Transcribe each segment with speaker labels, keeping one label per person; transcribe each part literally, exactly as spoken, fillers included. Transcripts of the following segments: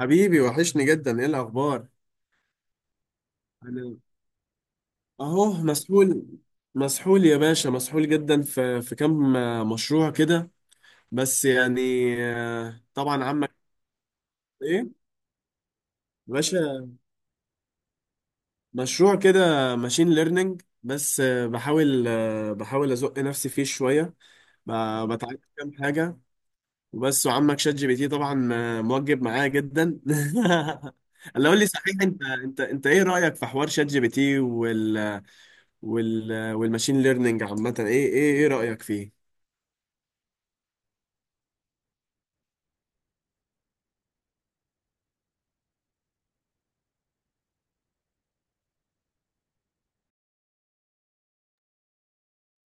Speaker 1: حبيبي وحشني جدا، ايه الاخبار؟ انا اهو مسحول. مسحول يا باشا، مسحول جدا في في كام مشروع كده، بس يعني آه، طبعا عمك. ايه يا باشا، مشروع كده ماشين ليرنينج بس آه، بحاول، آه، بحاول ازق نفسي فيه شويه، ب- بتعلم كام حاجه وبس. وعمك شات جي بي تي طبعا آه، موجب معايا جدا. اللي قول لي، صحيح انت انت انت ايه رايك في حوار شات جي بي تي وال وال والماشين ليرنينج عامة؟ ايه ايه ايه رأيك فيه؟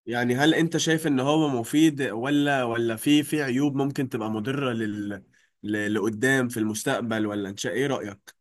Speaker 1: يعني هل انت شايف ان هو مفيد ولا ولا في في عيوب ممكن تبقى مضرة لل ل- لقدام في المستقبل؟ ولا انت شا- ايه رأيك؟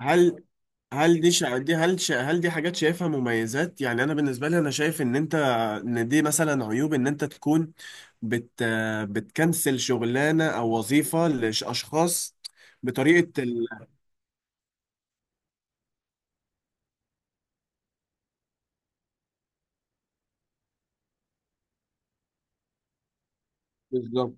Speaker 1: هل هل دي شا... دي هل شا... هل دي حاجات شايفها مميزات؟ يعني انا بالنسبه لي انا شايف ان انت، ان دي مثلا عيوب، ان انت تكون بت بتكنسل شغلانه او وظيفه لاشخاص بطريقه ال... بالظبط.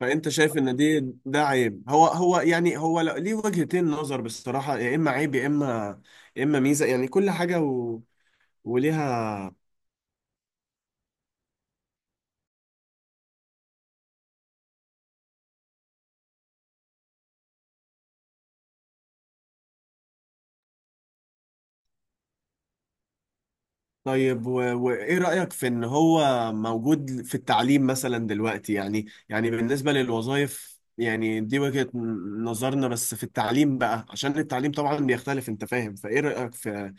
Speaker 1: فانت شايف ان دي ده عيب. هو هو يعني هو لا- ليه وجهتين نظر بصراحه، يا اما عيب يا اما يا اما ميزه، يعني كل حاجه و... وليها. طيب و- وإيه رأيك في إن هو موجود في التعليم مثلا دلوقتي؟ يعني يعني بالنسبة للوظائف يعني دي وجهة ن- نظرنا، بس في التعليم بقى، عشان التعليم طبعا بيختلف، أنت فاهم. فإيه رأيك في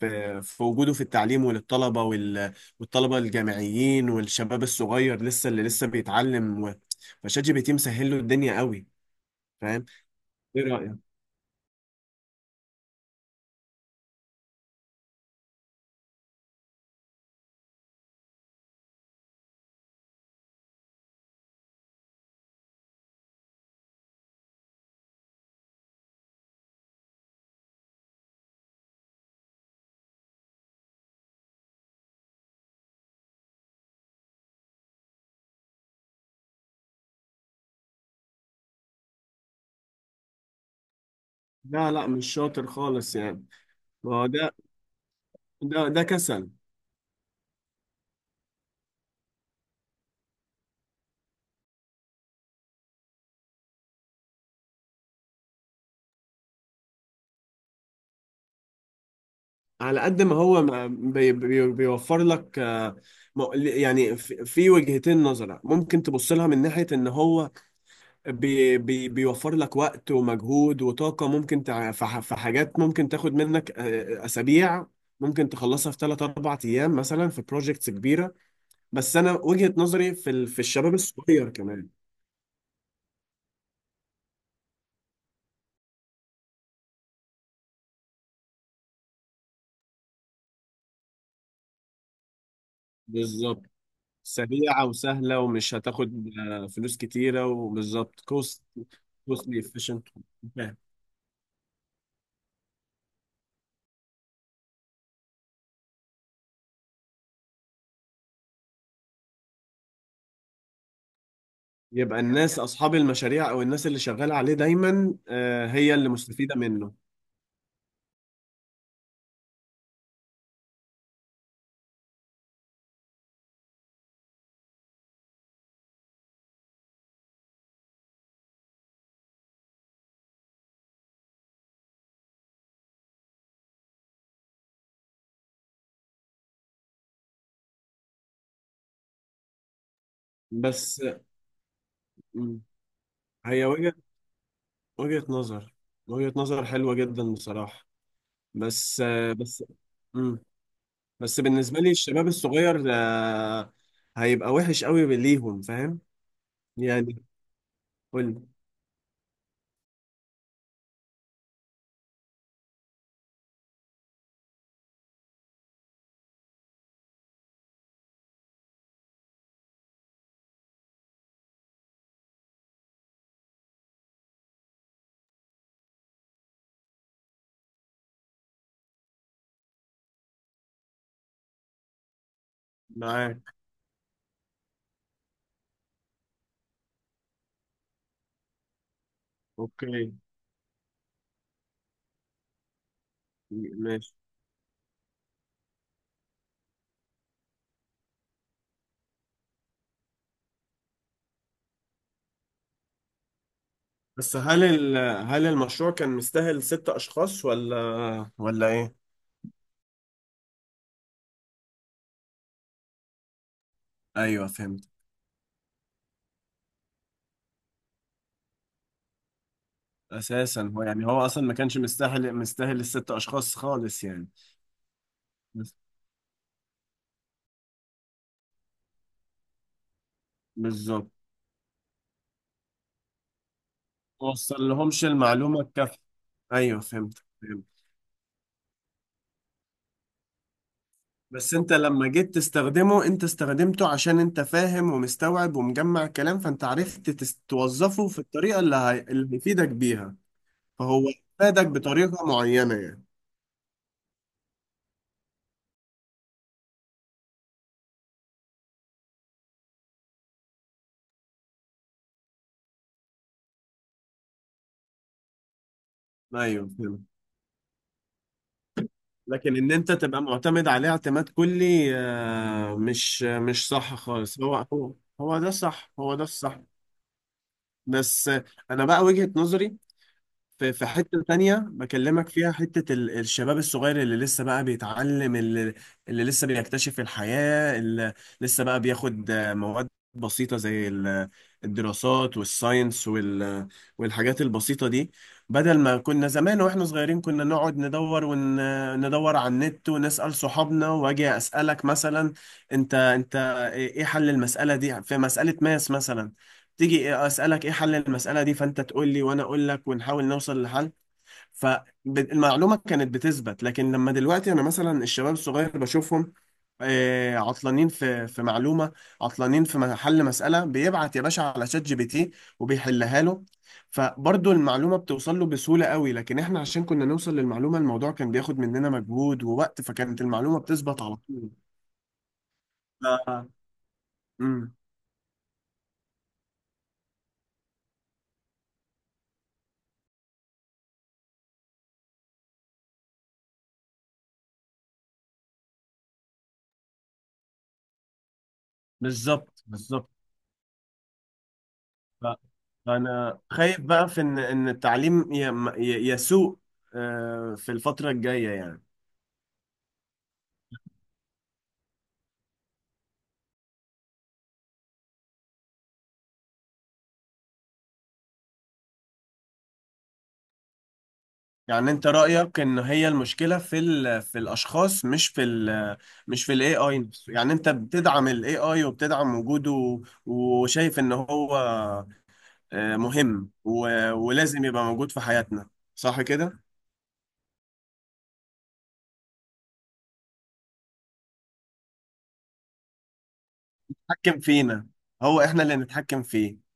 Speaker 1: في في وجوده في التعليم، وللطلبة وال- والطلبة الجامعيين والشباب الصغير لسه، اللي لسه بيتعلم و- فشات جي بي تي مسهل له الدنيا قوي، فاهم؟ إيه رأيك؟ لا لا، مش شاطر خالص يعني. ما هو ده، ده ده كسل. على قد ما هو ما- بي بي بيوفر لك، آه، م- يعني في في وجهتين نظرة ممكن تبص لها، من ناحية ان هو بي بي بيوفر لك وقت ومجهود وطاقة، ممكن تع- في ح- في حاجات ممكن تاخد منك آه، اسابيع، ممكن تخلصها في ثلاث أربعة ايام مثلا، في بروجكتس كبيرة. بس انا وجهة نظري في ال- في الشباب الصغير كمان. بالظبط، سريعة وسهلة ومش هتاخد آه، فلوس كتيرة، وبالظبط كوست كوستلي efficient. يبقى الناس أصحاب المشاريع، أو الناس اللي شغالة عليه دايما آه، هي اللي مستفيدة منه. بس مم، هي وجهة وجهة نظر وجهة نظر حلوة جدا بصراحة. بس آه، بس مم، بس بالنسبة لي الشباب الصغير آه، هيبقى وحش قوي ليهم، فاهم؟ يعني قول. معاك. اوكي. ماشي. بس هل ال... هل المشروع كان مستاهل ست أشخاص ولا ولا إيه؟ أيوه، فهمت. اساسا هو يعني هو اصلا ما كانش مستاهل، مستاهل الست اشخاص خالص يعني. بس- بالظبط. ما وصل لهمش المعلومه الكافيه. ايوه، فهمت فهمت. بس انت لما جيت تستخدمه، انت استخدمته عشان انت فاهم ومستوعب ومجمع كلام، فانت عرفت تس- توظفه في الطريقه اللي هي... اللي هيفيدك بيها. فهو فادك بطريقه معينه يعني. ايوه، فهمت. لكن ان انت تبقى معتمد عليه اعتماد كلي آه، مش مش صح خالص. هو هو هو ده الصح، هو ده الصح. بس انا بقى وجهة نظري في في حتة تانية بكلمك فيها، حتة ال- الشباب الصغير اللي لسه بقى بيتعلم، اللي، اللي لسه بيكتشف الحياة، اللي لسه بقى بياخد آه، مواد بسيطة زي ال- الدراسات والساينس وال والحاجات البسيطة دي. بدل ما كنا زمان واحنا صغيرين، كنا نقعد ندور وندور على النت، ونسأل صحابنا، واجي أسألك مثلا انت انت ايه، إيه حل المسألة دي، في مسألة ماس مثلا، تيجي اسالك ايه حل المساله دي، فانت تقول لي وانا اقول لك ونحاول نوصل لحل. فالمعلومه كانت بتثبت. لكن لما دلوقتي، انا مثلا الشباب الصغير بشوفهم آه، عطلانين في في معلومه، عطلانين في م- حل مساله، بيبعت يا باشا على شات جي بي تي وبيحلها له. فبرضه المعلومه بتوصل له بسهوله قوي، لكن احنا عشان كنا نوصل للمعلومه، الموضوع كان بياخد مننا مجهود ووقت، فكانت المعلومه بتثبت على طول. ف... مم. بالظبط بالظبط. لا، انا خايف بقى في ان ان التعليم ي- م- ي- يسوء آه، في الفترة الجاية يعني. يعني انت رأيك ان هي المشكلة في ال في الاشخاص، مش في ال مش في الاي اي نفسه؟ يعني انت بتدعم الاي اي وبتدعم وجوده، وشايف ان هو آه، مهم و- ولازم يبقى موجود في حياتنا، صح كده؟ حكم فينا. هو احنا اللي نتحكم فيه.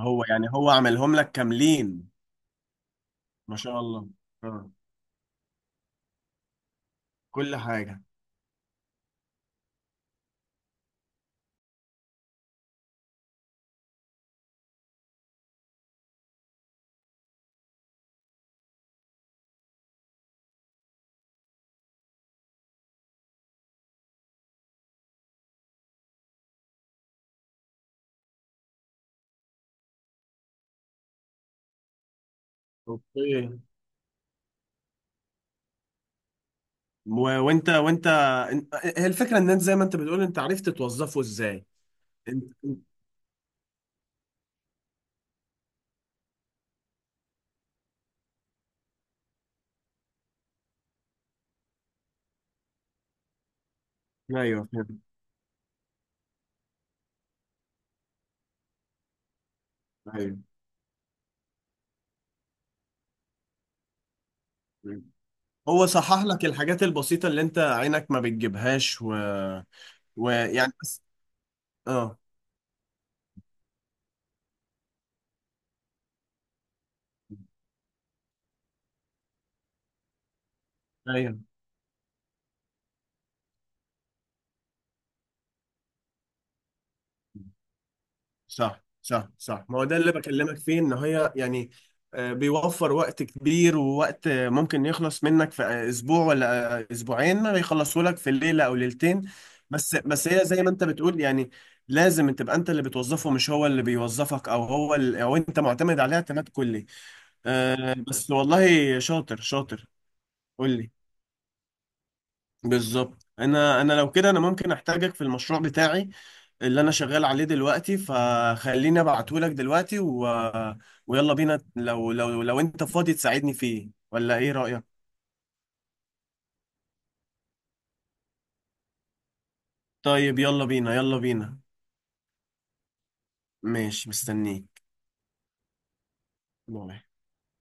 Speaker 1: هو يعني هو عملهم لك كاملين؟ ما شاء الله. آه، كل حاجة. اوكي. و- وانت وانت انت- هي الفكره ان انت، زي ما انت بتقول، انت عرفت توظفه ازاي. انت انت- ايوه، فهمت. ايوه، فهمت. هو صحح لك الحاجات البسيطه اللي انت عينك ما بتجيبهاش و... ويعني بس. اه. ايوه، صح صح صح. ما هو ده اللي بكلمك فيه، ان هي يعني آه، بيوفر وقت كبير، ووقت آه، ممكن يخلص منك في آه، اسبوع ولا آه، اسبوعين، ما بيخلصوا لك في ليله او ليلتين. بس بس هي زي ما انت بتقول يعني، لازم تبقى انت اللي بتوظفه، مش هو اللي بيوظفك، او هو اللي، او انت معتمد عليه اعتماد كلي آه، بس والله شاطر، شاطر. قول لي، بالظبط. انا انا لو كده انا ممكن احتاجك في المشروع بتاعي اللي انا شغال عليه دلوقتي، فخليني ابعتهولك دلوقتي و... ويلا بينا، لو لو لو انت فاضي تساعدني فيه، ولا ايه رأيك؟ طيب يلا بينا، يلا بينا. ماشي، مستنيك. باي.